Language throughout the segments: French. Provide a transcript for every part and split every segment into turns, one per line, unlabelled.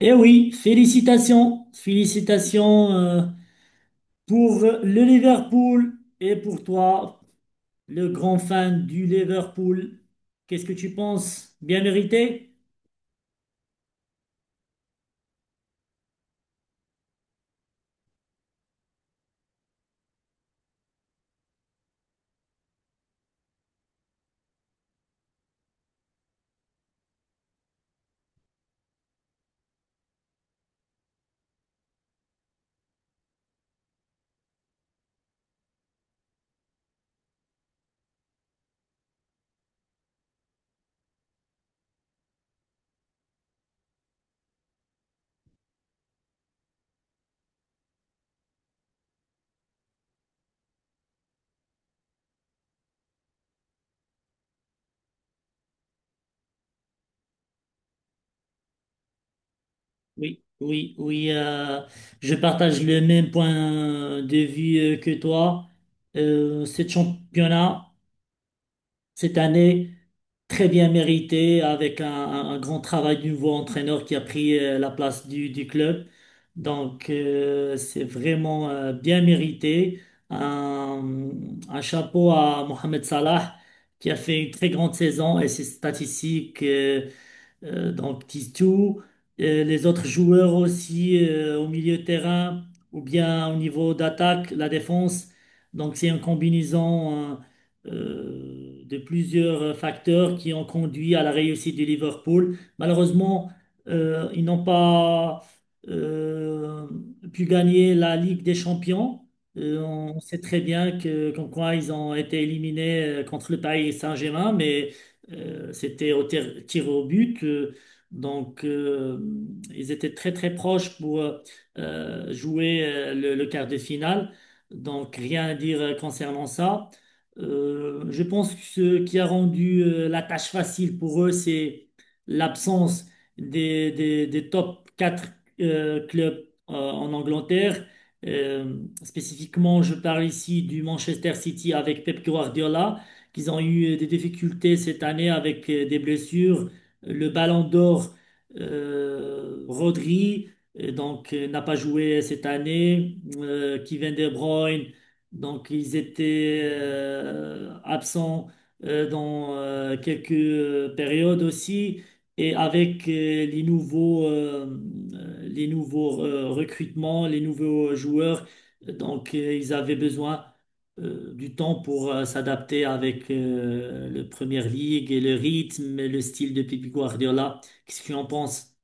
Eh oui, félicitations, félicitations pour le Liverpool et pour toi, le grand fan du Liverpool. Qu'est-ce que tu penses? Bien mérité? Oui, oui, oui, je partage le même point de vue que toi. Ce championnat. Cette année, très bien méritée, avec un grand travail du nouveau entraîneur qui a pris la place du club. C'est vraiment bien mérité. Un, un chapeau à Mohamed Salah qui a fait une très grande saison et ses statistiques donc Tistou, les autres joueurs aussi au milieu de terrain ou bien au niveau d'attaque, la défense. Donc c'est une combinaison de plusieurs facteurs qui ont conduit à la réussite du Liverpool. Malheureusement, ils n'ont pas euh, pu gagner la Ligue des Champions. On sait très bien que, comme quoi ils ont été éliminés contre le Paris Saint-Germain, mais c'était au tir au but. Donc, euh, Ils étaient très, très proches pour jouer le quart de finale. Donc, rien à dire concernant ça. Je pense que ce qui a rendu la tâche facile pour eux, c'est l'absence des top 4 clubs en Angleterre. Spécifiquement, je parle ici du Manchester City avec Pep Guardiola qu'ils ont eu des difficultés cette année avec des blessures. Le Ballon d'Or, Rodri, n'a pas joué cette année. Kevin De Bruyne, donc ils étaient absents dans quelques périodes aussi. Et avec les nouveaux recrutements, les nouveaux joueurs, ils avaient besoin du temps pour s'adapter avec le Premier League et le rythme et le style de Pep Guardiola. Qu'est-ce que tu en penses?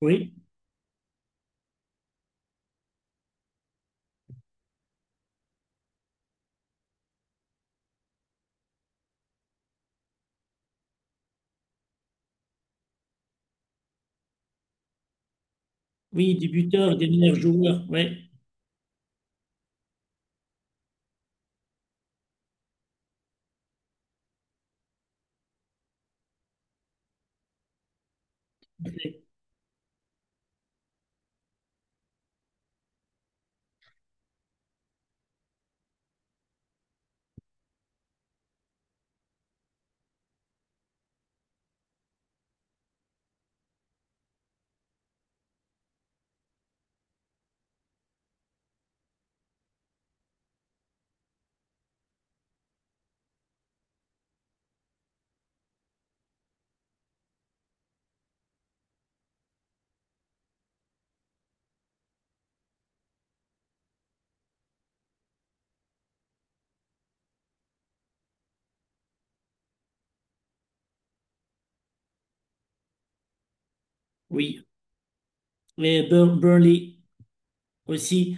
Oui, oui, des buteurs, des meilleurs joueurs, ouais, oui. Et Burley aussi,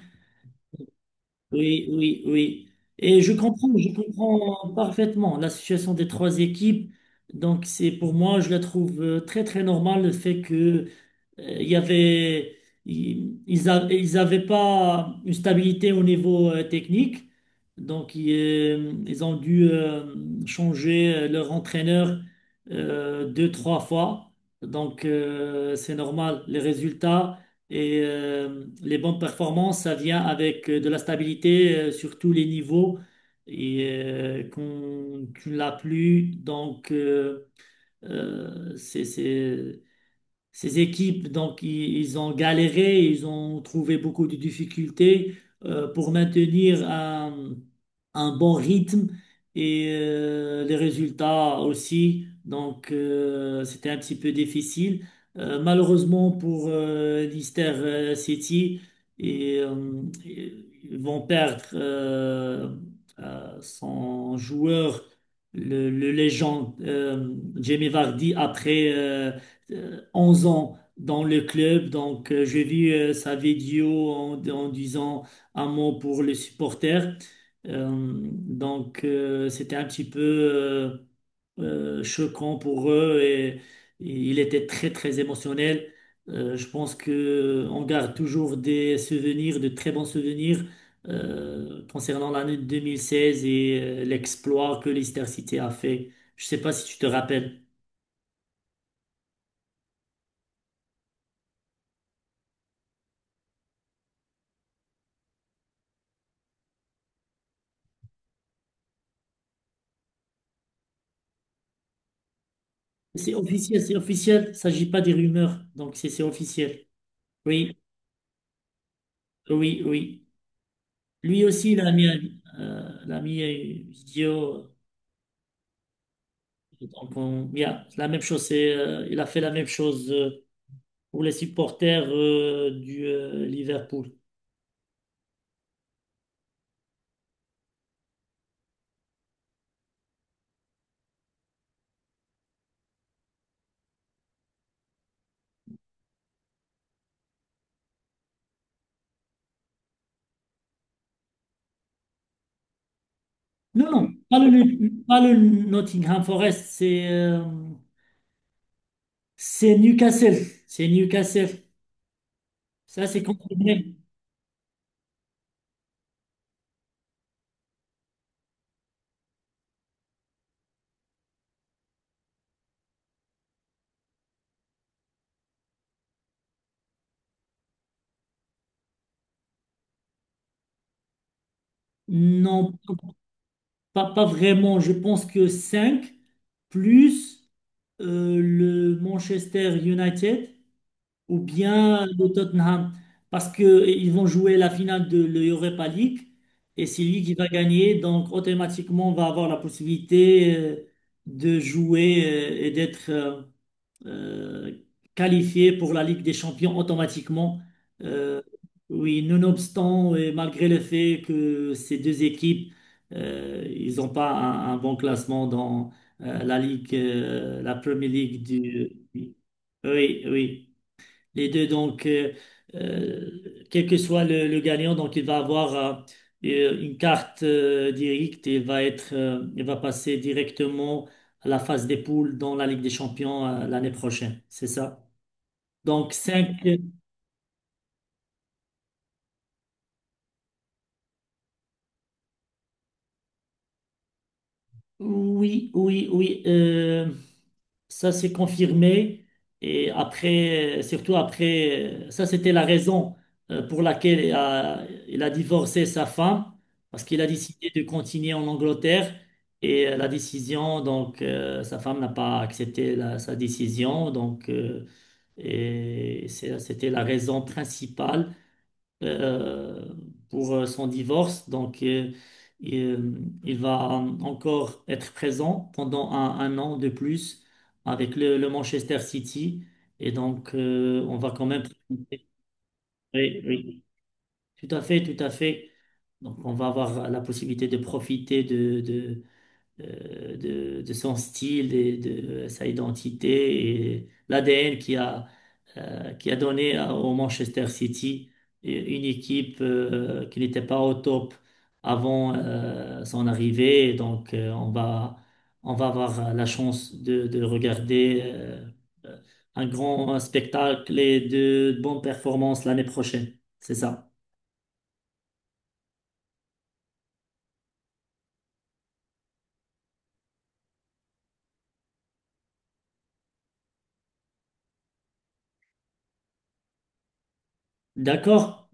oui, oui, oui. Et je comprends parfaitement la situation des trois équipes. Donc c'est pour moi, je la trouve très très normale le fait que... Il y avait, ils ils a- ils avaient pas une stabilité au niveau technique, donc ils ont dû changer leur entraîneur deux, trois fois. C'est normal, les résultats et les bonnes performances, ça vient avec de la stabilité sur tous les niveaux et qu'on, tu ne l'as plus, c'est ces équipes, donc, ils ont galéré, ils ont trouvé beaucoup de difficultés pour maintenir un bon rythme et les résultats aussi. C'était un petit peu difficile. Malheureusement pour Leicester City, ils vont perdre son joueur, le légende Jamie Vardy, après 11 ans dans le club. J'ai vu sa vidéo en, en disant un mot pour les supporters. C'était un petit peu choquant pour eux et il était très, très émotionnel. Je pense que on garde toujours des souvenirs, de très bons souvenirs concernant l'année 2016 et l'exploit que Leicester City a fait. Je sais pas si tu te rappelles. C'est officiel, c'est officiel. Il ne s'agit pas des rumeurs. Donc, c'est officiel. Oui, oui, oui. Lui aussi, il a mis, il a mis une vidéo. Donc, yeah, c'est la même chose. Il a fait la même chose pour les supporters du Liverpool. Non, non, pas le Nottingham Forest. C'est Newcastle. C'est Newcastle. Ça, c'est confirmé. Non, pas vraiment. Je pense que 5 plus. Le Manchester United ou bien le Tottenham parce qu'ils vont jouer la finale de l'Europa League et c'est lui qui va gagner. Donc, automatiquement, on va avoir la possibilité de jouer d'être euh, qualifiés pour la Ligue des Champions automatiquement. Euh, oui, nonobstant et malgré le fait que ces deux équipes, ils n'ont pas un bon classement dans la Premier League du... Oui, oui. Oui. Les deux, quel que soit le gagnant, donc il va avoir une carte directe et va être, il va passer directement à la phase des poules dans la Ligue des Champions l'année prochaine. C'est ça. Donc, cinq. Oui, oui, oui. Ça s'est confirmé et après, surtout après, ça c'était la raison pour laquelle il a divorcé sa femme, parce qu'il a décidé de continuer en Angleterre et la décision, sa femme n'a pas accepté sa décision, c'était la raison principale euh, pour son divorce. Il va encore être présent pendant un an de plus avec le Manchester City. Et donc, on va quand même... Oui, oui, tout à fait, tout à fait. Donc, on va avoir la possibilité de profiter de son style et de sa identité et l'ADN qui a donné au Manchester City une équipe qui n'était pas au top avant son arrivée. Donc, on va avoir la chance de regarder un grand spectacle et de bonnes performances l'année prochaine. C'est ça. D'accord?